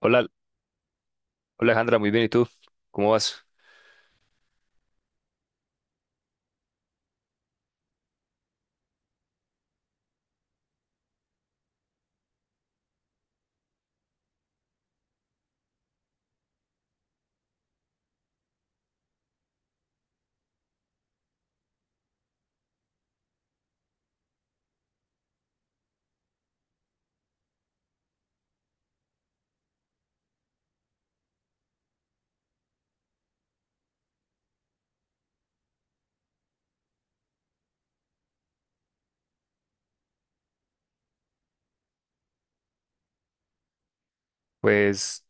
Hola, hola, Alejandra, muy bien, ¿y tú? ¿Cómo vas? Pues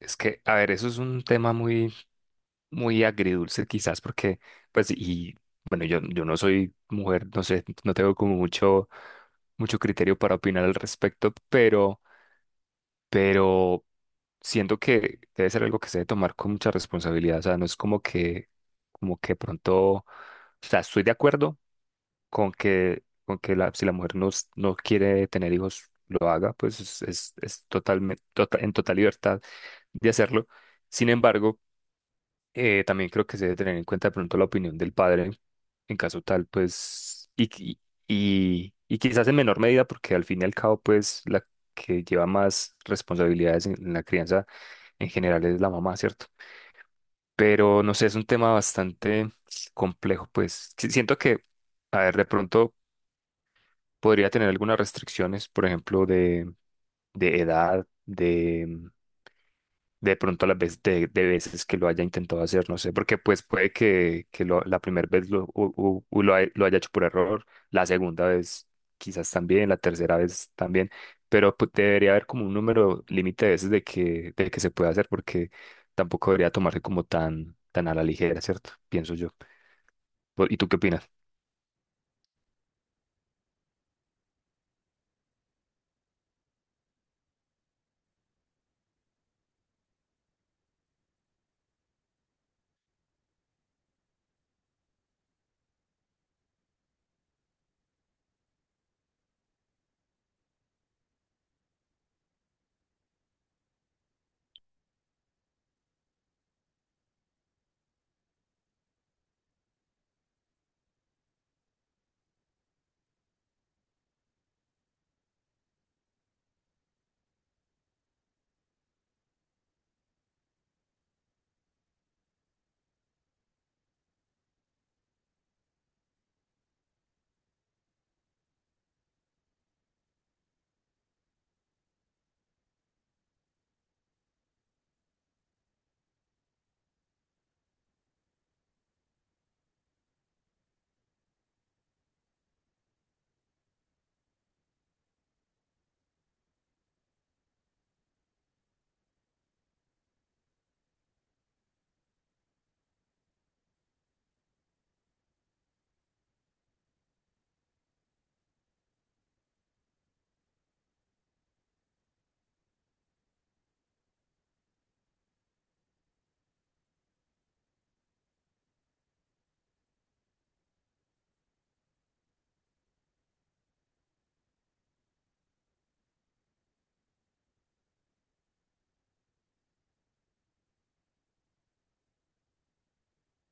es que, a ver, eso es un tema muy, muy agridulce quizás porque, pues, y bueno, yo no soy mujer, no sé, no tengo como mucho, mucho criterio para opinar al respecto, pero siento que debe ser algo que se debe tomar con mucha responsabilidad, o sea, no es como que pronto, o sea, estoy de acuerdo, con que la, si la mujer no, no quiere tener hijos, lo haga, pues es totalmente, en total libertad de hacerlo. Sin embargo, también creo que se debe tener en cuenta de pronto la opinión del padre, en caso tal, pues, y, quizás en menor medida, porque al fin y al cabo, pues, la que lleva más responsabilidades en la crianza en general es la mamá, ¿cierto? Pero no sé, es un tema bastante complejo, pues. Siento que, a ver, de pronto podría tener algunas restricciones, por ejemplo, de edad, de pronto a las veces, de veces que lo haya intentado hacer, no sé, porque pues puede que la primera vez lo, u- u- u lo, lo haya hecho por error, la segunda vez quizás también, la tercera vez también, pero pues, debería haber como un número límite de veces de que se puede hacer, porque tampoco debería tomarse como tan, tan a la ligera, ¿cierto? Pienso yo. ¿Y tú qué opinas?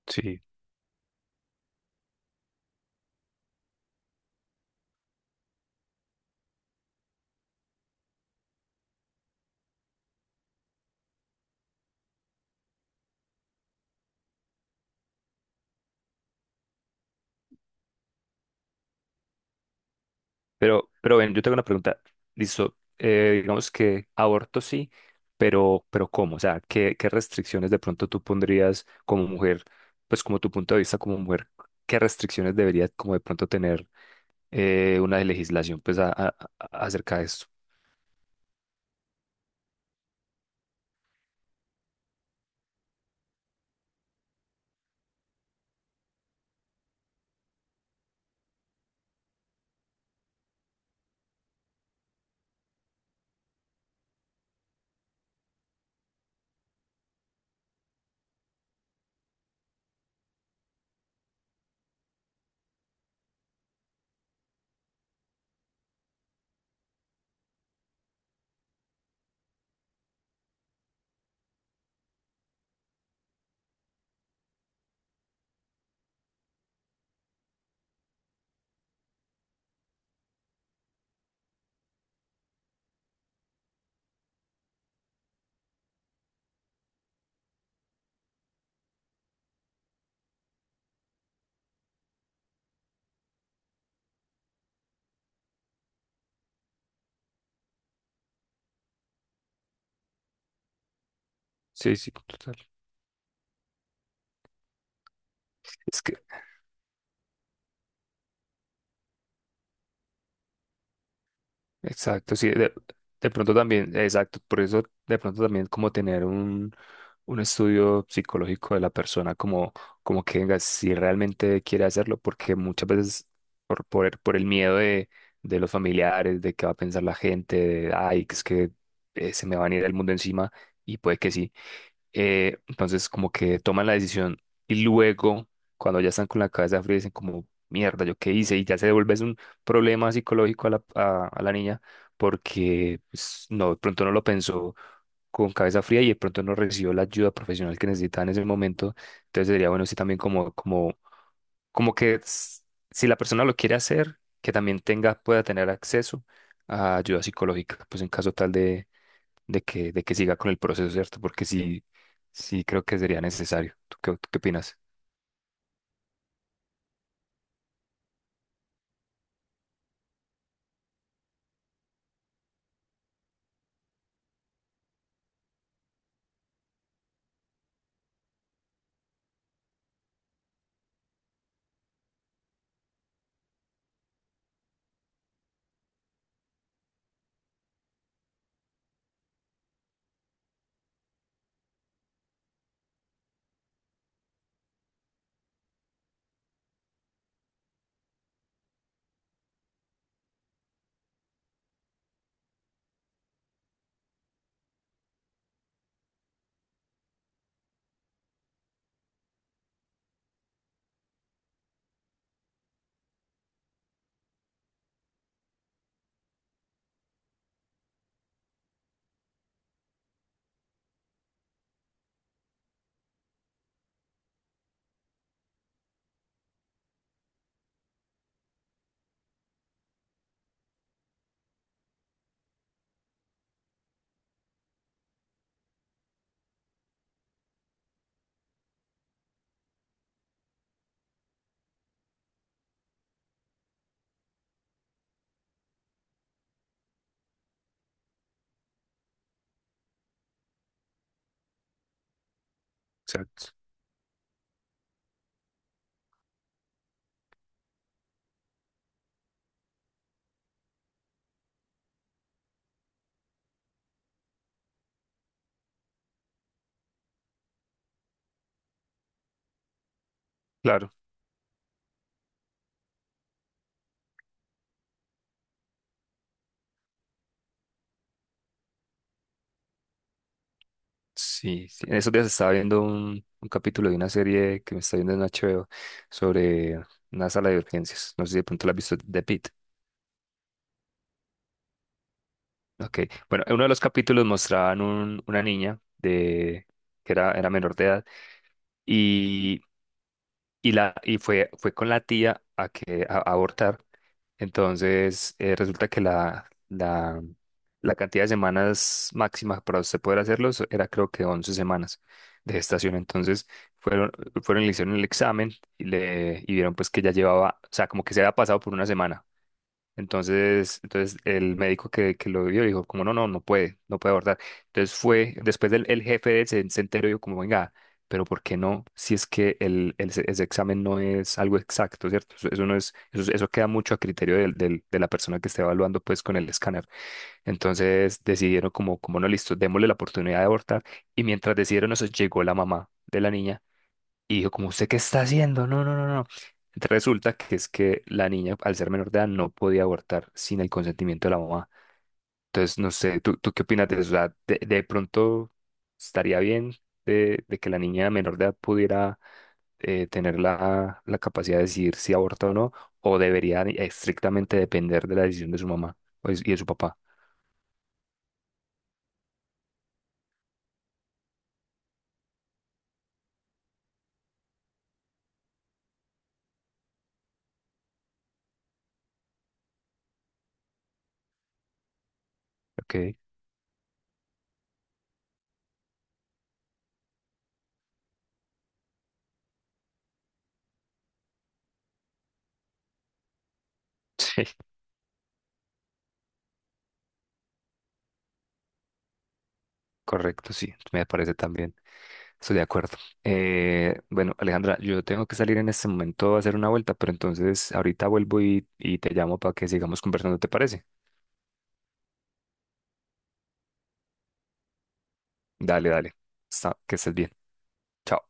Sí. Pero ven, yo tengo una pregunta. Listo, digamos que aborto sí, pero ¿cómo? O sea, ¿qué restricciones de pronto tú pondrías como mujer, pues como tu punto de vista como mujer, qué restricciones debería como de pronto tener una legislación pues acerca de esto? Sí, sí, total. Es que, exacto, sí, de pronto también, exacto, por eso de pronto también como tener un estudio psicológico de la persona, como, como que venga, si realmente quiere hacerlo, porque muchas veces por el miedo de los familiares, de qué va a pensar la gente, de, ay, que es que se me va a venir el mundo encima, y puede que sí, entonces como que toman la decisión y luego cuando ya están con la cabeza fría dicen como, mierda, ¿yo qué hice? Y ya se devuelve es un problema psicológico a a la niña porque pues, no, de pronto no lo pensó con cabeza fría y de pronto no recibió la ayuda profesional que necesitaba en ese momento. Entonces sería bueno sí también como que si la persona lo quiere hacer, que también tenga, pueda tener acceso a ayuda psicológica, pues en caso tal de que siga con el proceso, ¿cierto? Porque sí, sí creo que sería necesario. ¿Tú qué opinas? Exacto. Claro, sí, sí. En esos días estaba viendo un capítulo de una serie que me está viendo en HBO sobre una sala de urgencias. No sé si de pronto la has visto, de Pitt. Ok, bueno, en uno de los capítulos mostraban una niña de, que era, era menor de edad y, y fue, fue con la tía a abortar. Entonces, resulta que la cantidad de semanas máxima para usted poder hacerlo era creo que 11 semanas de gestación. Entonces, fueron, fueron y le hicieron el examen y, y vieron pues que ya llevaba, o sea, como que se había pasado por una semana. Entonces el médico que lo vio dijo, como no, no, no puede, no puede abortar. Entonces fue, después del el jefe de él se enteró y dijo, como venga, pero ¿por qué no? Si es que ese examen no es algo exacto, ¿cierto? Eso no es, eso queda mucho a criterio de la persona que esté evaluando pues con el escáner. Entonces decidieron como, como no, listo, démosle la oportunidad de abortar. Y mientras decidieron eso, llegó la mamá de la niña y yo como, ¿usted qué está haciendo? No, no, no, no. Resulta que es que la niña, al ser menor de edad, no podía abortar sin el consentimiento de la mamá. Entonces, no sé, ¿tú qué opinas de eso? O sea, de pronto estaría bien de que la niña menor de edad pudiera tener la capacidad de decidir si aborta o no, o debería estrictamente depender de la decisión de su mamá y de su papá. Ok, sí, correcto, sí, me parece también. Estoy de acuerdo. Bueno, Alejandra, yo tengo que salir en este momento a hacer una vuelta, pero entonces ahorita vuelvo y te llamo para que sigamos conversando, ¿te parece? Dale, dale. Que estés bien. Chao.